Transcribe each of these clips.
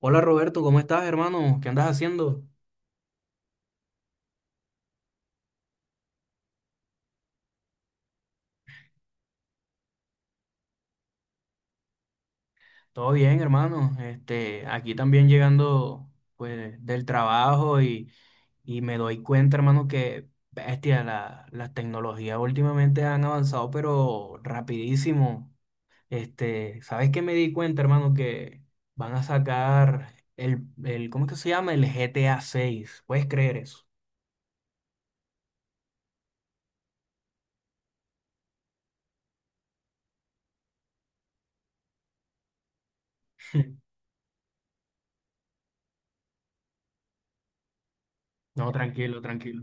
Hola Roberto, ¿cómo estás, hermano? ¿Qué andas haciendo? Todo bien, hermano. Este, aquí también llegando pues del trabajo y me doy cuenta, hermano, que bestia, las tecnologías últimamente han avanzado, pero rapidísimo. Este, ¿sabes qué me di cuenta, hermano? Que van a sacar el, ¿cómo es que se llama? ¿El GTA 6? ¿Puedes creer eso? No, tranquilo, tranquilo.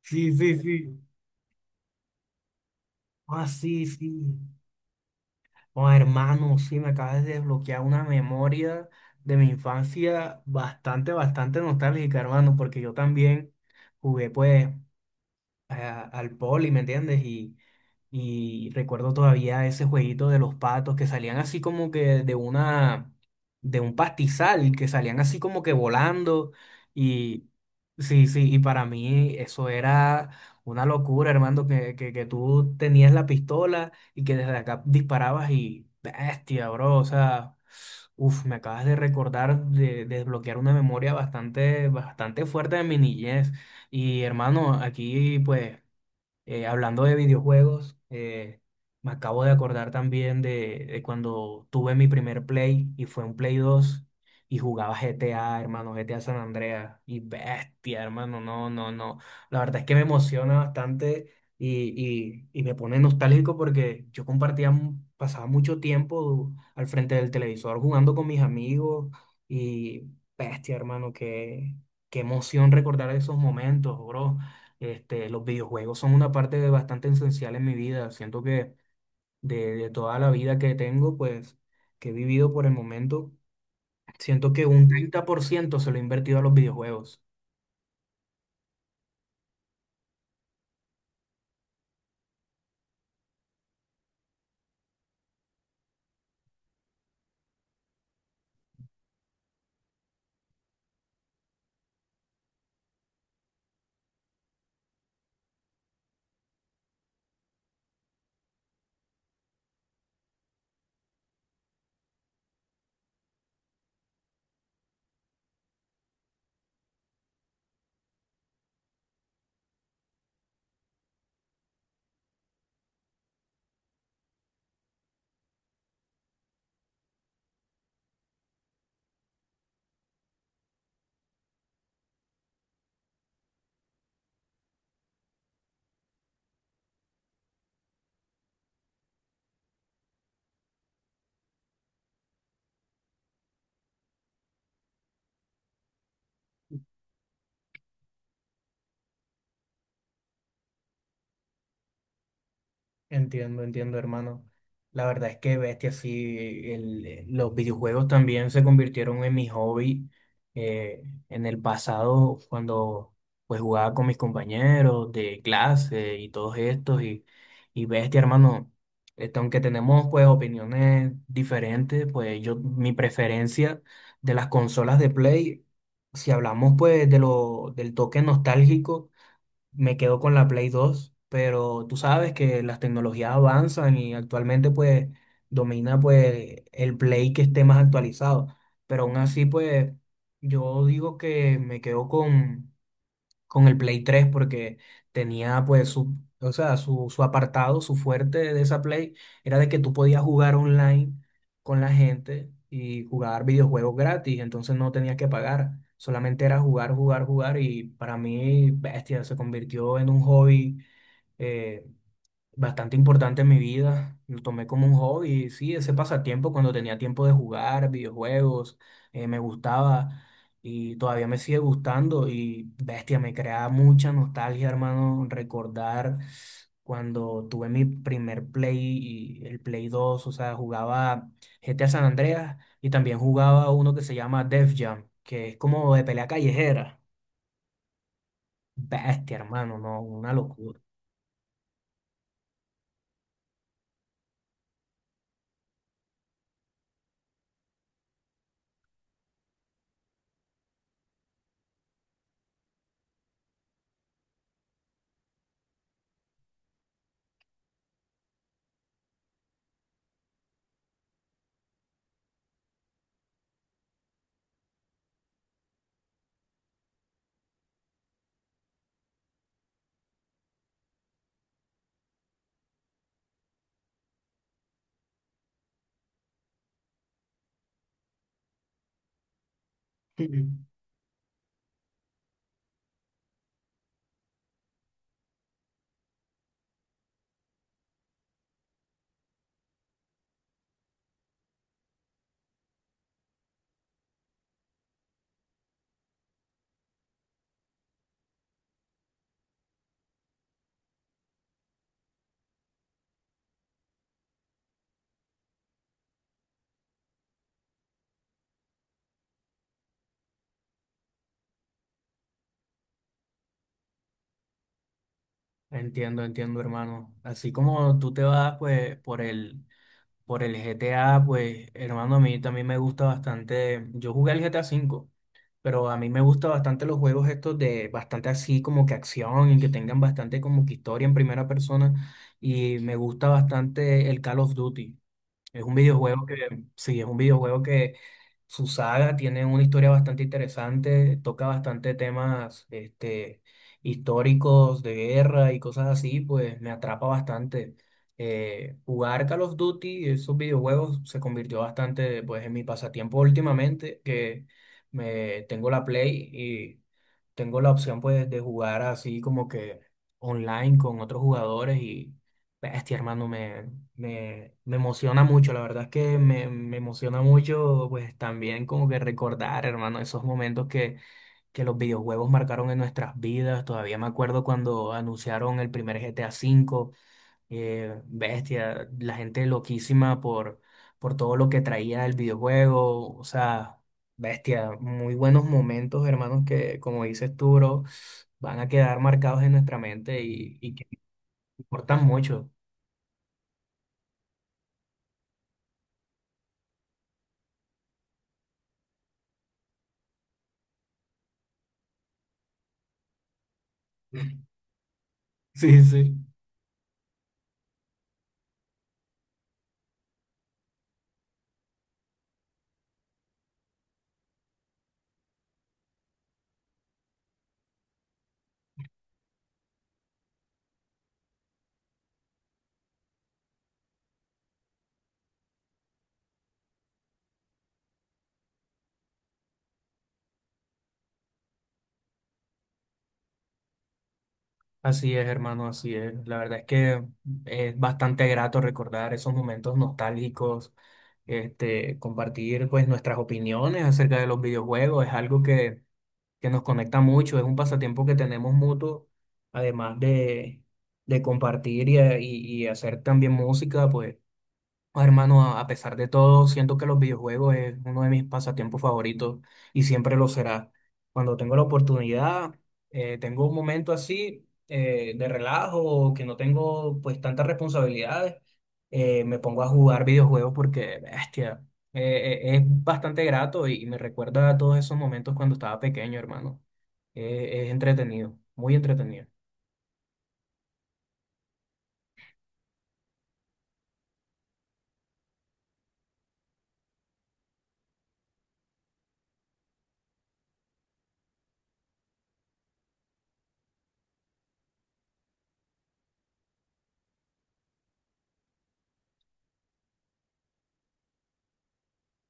Sí, sí, sí. Ah, sí, sí. Oh, hermano, sí, me acabas de desbloquear una memoria de mi infancia bastante, bastante nostálgica, hermano, porque yo también jugué, pues al poli, ¿me entiendes? Y recuerdo todavía ese jueguito de los patos que salían así como que de un pastizal, que salían así como que volando. Y sí, sí, y para mí eso era una locura, hermano, que tú tenías la pistola y que desde acá disparabas y bestia, bro, o sea. Uf, me acabas de recordar de, desbloquear una memoria bastante, bastante fuerte de mi niñez. Y hermano, aquí pues. Hablando de videojuegos, me acabo de acordar también de cuando tuve mi primer Play y fue un Play 2 y jugaba GTA, hermano, GTA San Andreas y bestia, hermano, no, no, no. La verdad es que me emociona bastante y me pone nostálgico porque yo compartía, pasaba mucho tiempo al frente del televisor jugando con mis amigos y bestia, hermano, qué emoción recordar esos momentos, bro. Este, los videojuegos son una parte bastante esencial en mi vida. Siento que de toda la vida que tengo, pues, que he vivido por el momento, siento que un 30% se lo he invertido a los videojuegos. Entiendo, entiendo, hermano. La verdad es que bestia, sí, los videojuegos también se convirtieron en mi hobby. eh, en el pasado, cuando pues jugaba con mis compañeros de clase y todos estos, y bestia, hermano, este, aunque tenemos pues opiniones diferentes, pues yo, mi preferencia de las consolas de Play, si hablamos pues del toque nostálgico, me quedo con la Play 2, pero tú sabes que las tecnologías avanzan y actualmente pues domina pues el Play que esté más actualizado, pero aún así pues yo digo que me quedo con el Play 3 porque tenía pues su, o sea, su apartado, su fuerte de esa Play era de que tú podías jugar online con la gente y jugar videojuegos gratis. Entonces, no tenías que pagar, solamente era jugar, jugar, jugar y para mí, bestia, se convirtió en un hobby. eh, Bastante importante en mi vida. Lo tomé como un hobby, sí, ese pasatiempo cuando tenía tiempo de jugar videojuegos, me gustaba y todavía me sigue gustando y bestia, me crea mucha nostalgia, hermano, recordar cuando tuve mi primer Play y el Play 2, o sea, jugaba GTA San Andreas y también jugaba uno que se llama Def Jam, que es como de pelea callejera. Bestia, hermano, no, una locura. Entiendo, entiendo, hermano. Así como tú te vas, pues, por el, GTA, pues, hermano, a mí también me gusta bastante. Yo jugué el GTA 5, pero a mí me gusta bastante los juegos estos de bastante así como que acción y que tengan bastante como que historia en primera persona. Y me gusta bastante el Call of Duty. Es un videojuego que, Sí, es un videojuego que su saga tiene una historia bastante interesante, toca bastante temas, este, históricos de guerra y cosas así, pues me atrapa bastante. Jugar Call of Duty, esos videojuegos, se convirtió bastante, pues, en mi pasatiempo últimamente, que me tengo la Play, tengo la opción pues de jugar así como que online con otros jugadores y bestia, hermano, me emociona mucho, la verdad es que me emociona mucho pues también como que recordar, hermano, esos momentos que los videojuegos marcaron en nuestras vidas. Todavía me acuerdo cuando anunciaron el primer GTA V, bestia, la gente loquísima por, todo lo que traía el videojuego, o sea, bestia, muy buenos momentos, hermanos, que como dices tú, bro, van a quedar marcados en nuestra mente y que importan mucho. Sí, sí. Así es, hermano, así es. La verdad es que es bastante grato recordar esos momentos nostálgicos, este, compartir pues nuestras opiniones acerca de los videojuegos, es algo que nos conecta mucho, es un pasatiempo que tenemos mutuo, además de compartir y hacer también música, pues. Ah, hermano, a pesar de todo, siento que los videojuegos es uno de mis pasatiempos favoritos y siempre lo será. Cuando tengo la oportunidad, tengo un momento así, de relajo, o que no tengo pues tantas responsabilidades, me pongo a jugar videojuegos porque, bestia, es bastante grato y me recuerda a todos esos momentos cuando estaba pequeño, hermano. Es entretenido, muy entretenido.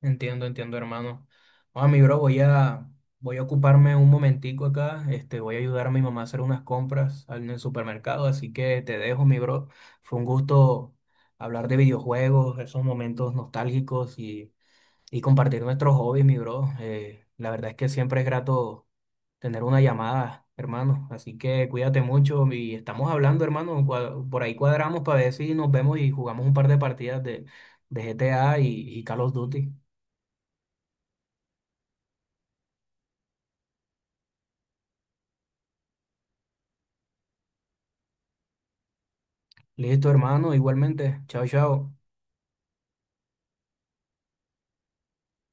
Entiendo, entiendo, hermano. Ah, mi bro, voy a, ocuparme un momentico acá. Este, voy a ayudar a mi mamá a hacer unas compras en el supermercado, así que te dejo, mi bro. Fue un gusto hablar de videojuegos, esos momentos nostálgicos y compartir nuestros hobbies, mi bro. La verdad es que siempre es grato tener una llamada, hermano. Así que cuídate mucho y estamos hablando, hermano. Por ahí cuadramos para ver si nos vemos y jugamos un par de partidas de, GTA y Call of Duty. Listo, hermano, igualmente. Chao, chao.